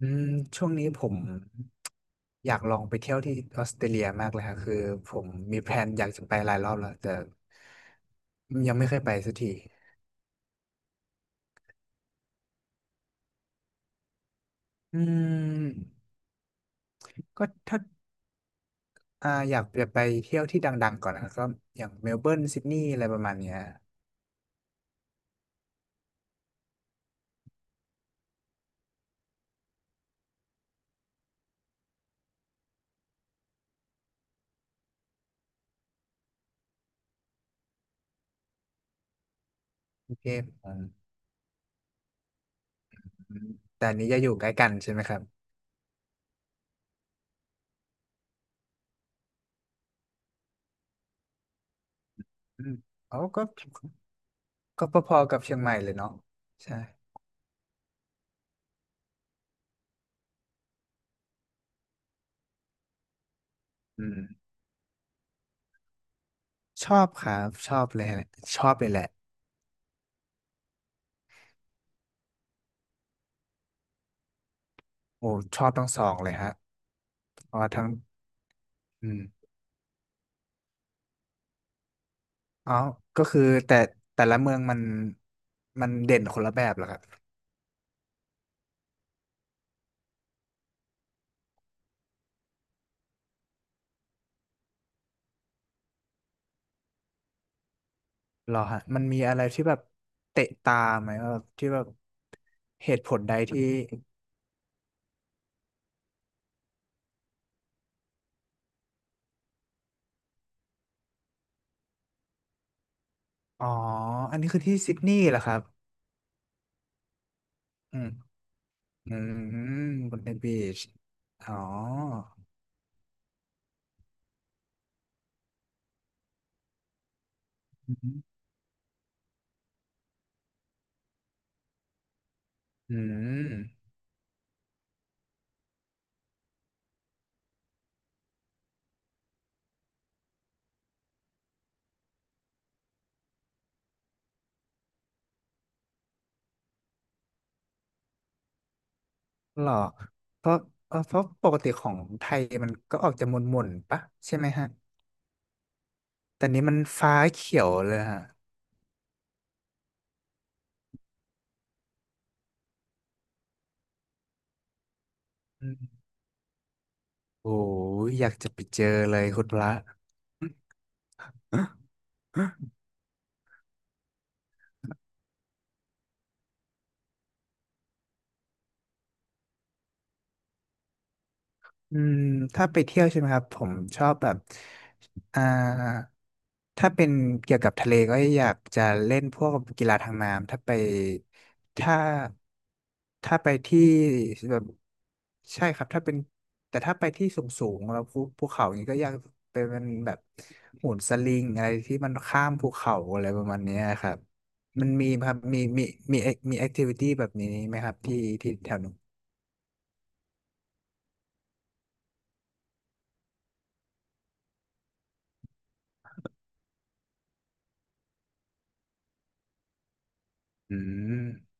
อืมช่วงนี้ผมอยากลองไปเที่ยวที่ออสเตรเลียมากเลยค่ะคือผมมีแพลนอยากจะไปหลายรอบแล้วแต่ยังไม่เคยไปสักทีอืมก็ถ้าอยากจะไปเที่ยวที่ดังๆก่อนนะก็อย่างเมลเบิร์นซิดนีย์อะไรประมาณเนี้ยกรุงเทพอืมแต่อันนี้จะอยู่ใกล้กันใช่ไหมครับอืมอ๋อก็พอๆกับเชียงใหม่เลยเนาะใช่อืมชอบครับชอบเลยแหละชอบเลยแหละโอ้ชอบทั้งสองเลยฮะเพราะว่าทั้งอืม อ๋อ ก็คือแต่แต่ละเมืองมันเด่นคนละแบบเหรอครับเหรอฮะมันมีอะไรที่แบบเตะตาไหมแบบที่แบบเหตุผลใดที่ อ๋ออันนี้คือที่ซิดนีย์เหรอครับอืมอืม บนเดบีชอ๋ออืมอืมเหรอเพราะเออเพราะปกติของไทยมันก็ออกจะหม่นๆปะใช่ไหมฮะ แต่นี้มันฟ้าเขียวเลยฮะอืมโอ้ย อยากจะไปเจอเลยคุณพระ อืมถ้าไปเที่ยวใช่ไหมครับผมชอบแบบอ่าถ้าเป็นเกี่ยวกับทะเลก็อยากจะเล่นพวกกีฬาทางน้ำถ้าไปถ้าถ้าไปที่แบบใช่ครับถ้าเป็นแต่ถ้าไปที่สูงสูงแล้วภูภูเขาอย่างนี้ก็อยากไปเป็นแบบโหนสลิงอะไรที่มันข้ามภูเขาอะไรประมาณเนี้ยครับมันมีไหมครับมีมีมีมีแอคทิวิตี้แบบนี้ไหมครับที่ที่แถวนู้นอืม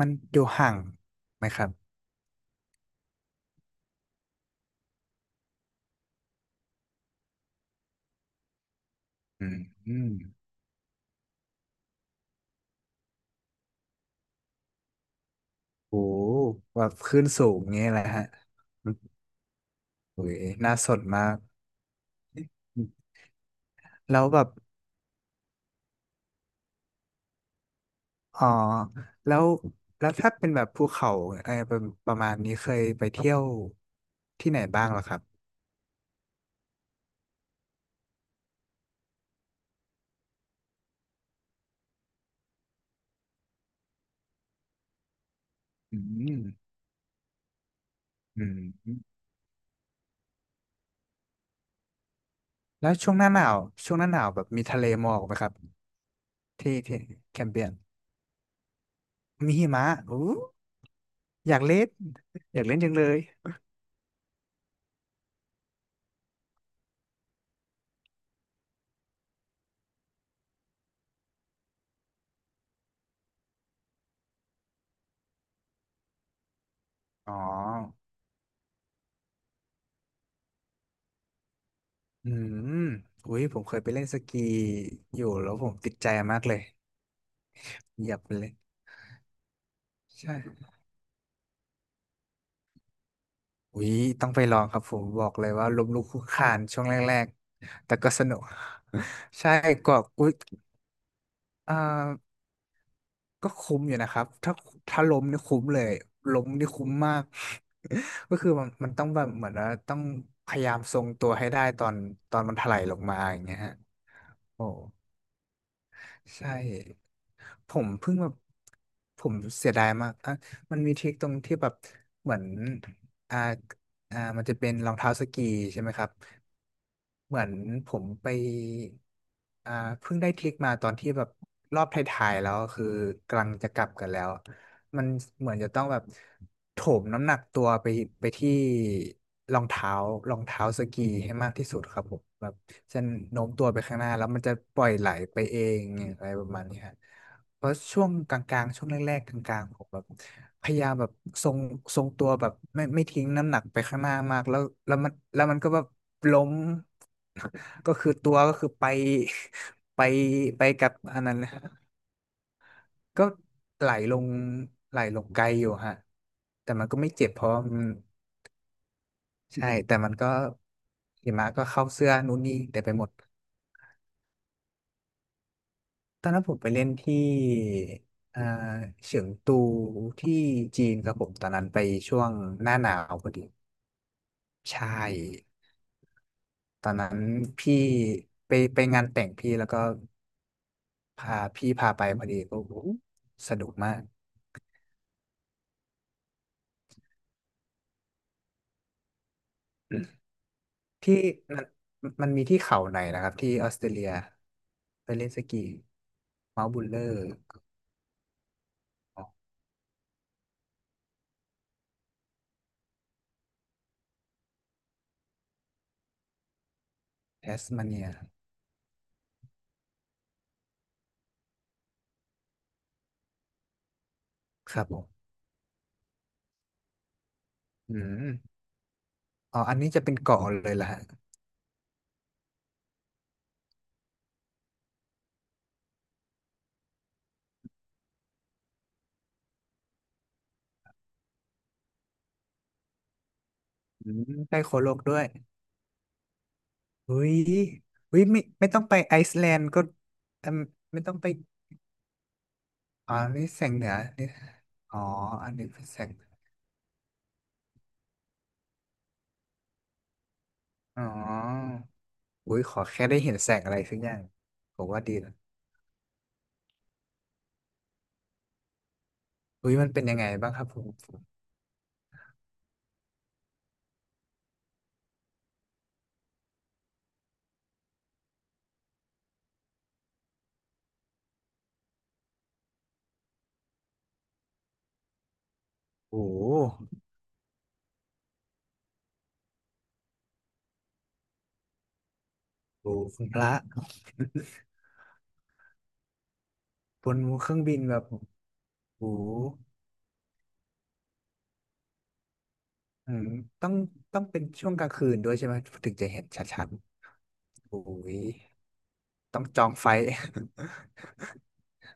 มันอยู่ห่างไหมครับอืมอืมโหแบบขึ้นสูงงี้แหละฮะโอ้ยน่าสนมาก แล้วแบบอ๋อแล้วแล้วถ้าเป็นแบบภูเขาไอ้ประประมาณนี้เคยไปเที่ยวที่ไหนบ้างเหรอครับอืมอืมแล้วช่วงหน้าหนาวช่วงหน้าหนาวแบบมีทะเลหมอกไหมครับที่ที่แคมเปียน มีหิมะอู้อยากเล่นอยากเล่นจังเลยอ๋อ อืมอุ้ยผมเคยไปเล่นสกีอยู่แล้วผมติดใจมากเลยอยากไปเล่นใช่อุ้ยต้องไปลองครับผมบอกเลยว่าล้มลุกคลุกคลานช่วงแรกๆ แต่ก็สนุก ใช่ก็อุ้ยอ่าก็คุ้มอยู่นะครับ ถ้าถ้าล้มนี่คุ้มเลยล้มนี่คุ้มมาก ก็คือมันมันต้องแบบเหมือนว่าต้องพยายามทรงตัวให้ได้ตอนตอนมันถลายลงมาอย่างเงี้ยฮะโอ้ ใช่ผมเพิ่งแบบผมเสียดายมากอ่ะมันมีทริคตรงที่แบบเหมือนอ่ามันจะเป็นรองเท้าสกีใช่ไหมครับเหมือนผมไปอ่าเพิ่งได้ทริคมาตอนที่แบบรอบท้ายๆแล้วคือกำลังจะกลับกันแล้วมันเหมือนจะต้องแบบโถมน้ำหนักตัวไปไปที่รองเท้ารองเท้าสกีให้มากที่สุดครับผมแบบ จะโน้มตัวไปข้างหน้าแล้วมันจะปล่อยไหลไปเองอะไรประมาณนี้ครับเพราะช่วงกลางๆช่วงแรกๆกลางๆผมแบบพยายามแบบทรงทรงตัวแบบไม่ไม่ทิ้งน้ำหนักไปข้างหน้ามากแล้วมันก็แบบล้ม ก็คือตัวก็คือไปไปไปกับอันนั้นนะก็ไหลลงไหลลงไกลอยู่ฮะแต่มันก็ไม่เจ็บเพราะมันใช่แต่มันก็หิมะก็เข้าเสื้อนู่นนี่แต่ไปหมด ตอนนั้นผมไปเล่นที่อ่าเฉิงตูที่จีนครับผมตอนนั้นไปช่วงหน้าหนาวพอดีใช่ตอนนั้นพี่ไปไปงานแต่งพี่แล้วก็พาพี่พาไปพอดีก็โอ้โหสนุกมากที่มันมันมีที่เขาไหนนะครับที่ออสเตรเลียไปเล่นสกีเมาท์บุลเลอร์ของแทสมาเนียครับผมอืมอ๋ออันนี้จะเป็นเกาะเลยล่ะฮะอืมใกล้โคโลกด้วย เฮ้ยเฮ้ยไม่ไม่ต้องไปไอซ์แลนด์ก็อืมไม่ต้องไปอ๋อนี่แสงเหนือนี่อ๋ออันนี้เป็นแสงอ๋ออุ้ยขอแค่ได้เห็นแสงอะไรสักอย่างผมว่าดีนะอุ้ยมันเป็นยังไงบ้างครับผมโอ้โหโอ้โหคุณพระ บนเครื่องบินแบบโอ้โหอืมต้องต้องเป็นช่วงกลางคืนด้วยใช่ไหมถึงจะเห็นชัดๆโอ้ยต้องจองไฟท์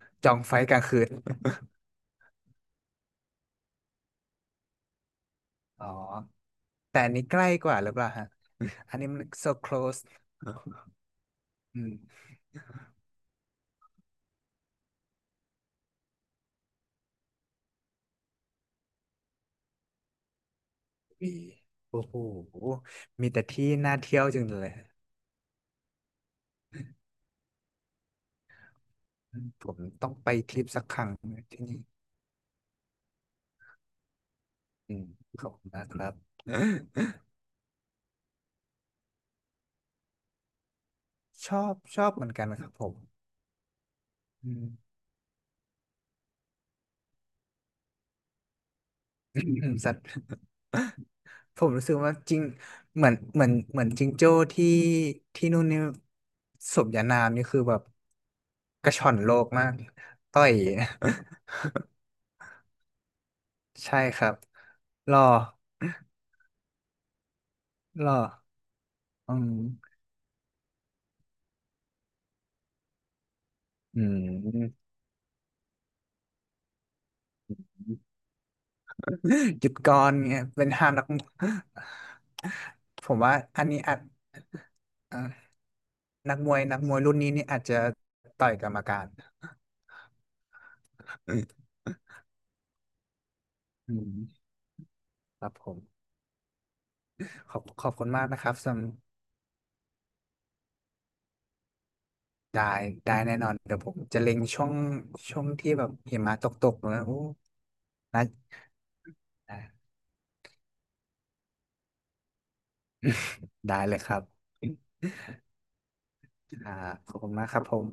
จองไฟท์กลางคืนอ๋อแต่อันนี้ใกล้กว่าหรือเปล่าฮะ อันนี้มัน so close อืมโอ้โหมีแต่ที่น่าเที่ยวจังเลย ผมต้องไปทริปสักครั้งที่นี่อืมขอบคุณนะครับ ชอบชอบเหมือนกันครับผมอืม สัตว์ ผมรู้สึกว่าจริง เหมือนจิงโจ้ที่ที่นู่นนี่สมญานามนี่คือแบบกระช่อนโลกมากต่อย ใช่ครับ รอรออืม อืมหยุดก่อนเนี่ยเป็นห้ามนักผมว่าอันนี้อาจเอ่อนักมวยนักมวยรุ่นนี้นี่อาจจะต่อยกรรมการอืมครับผมขอบขอบคุณมากนะครับสำได้ได้แน่นอนเดี๋ยวผมจะเล็งช่วงช่วงที่แบบหิมะตกๆนะโอ้น่าได้เลยครับอ่าขอบคุณมากครับผม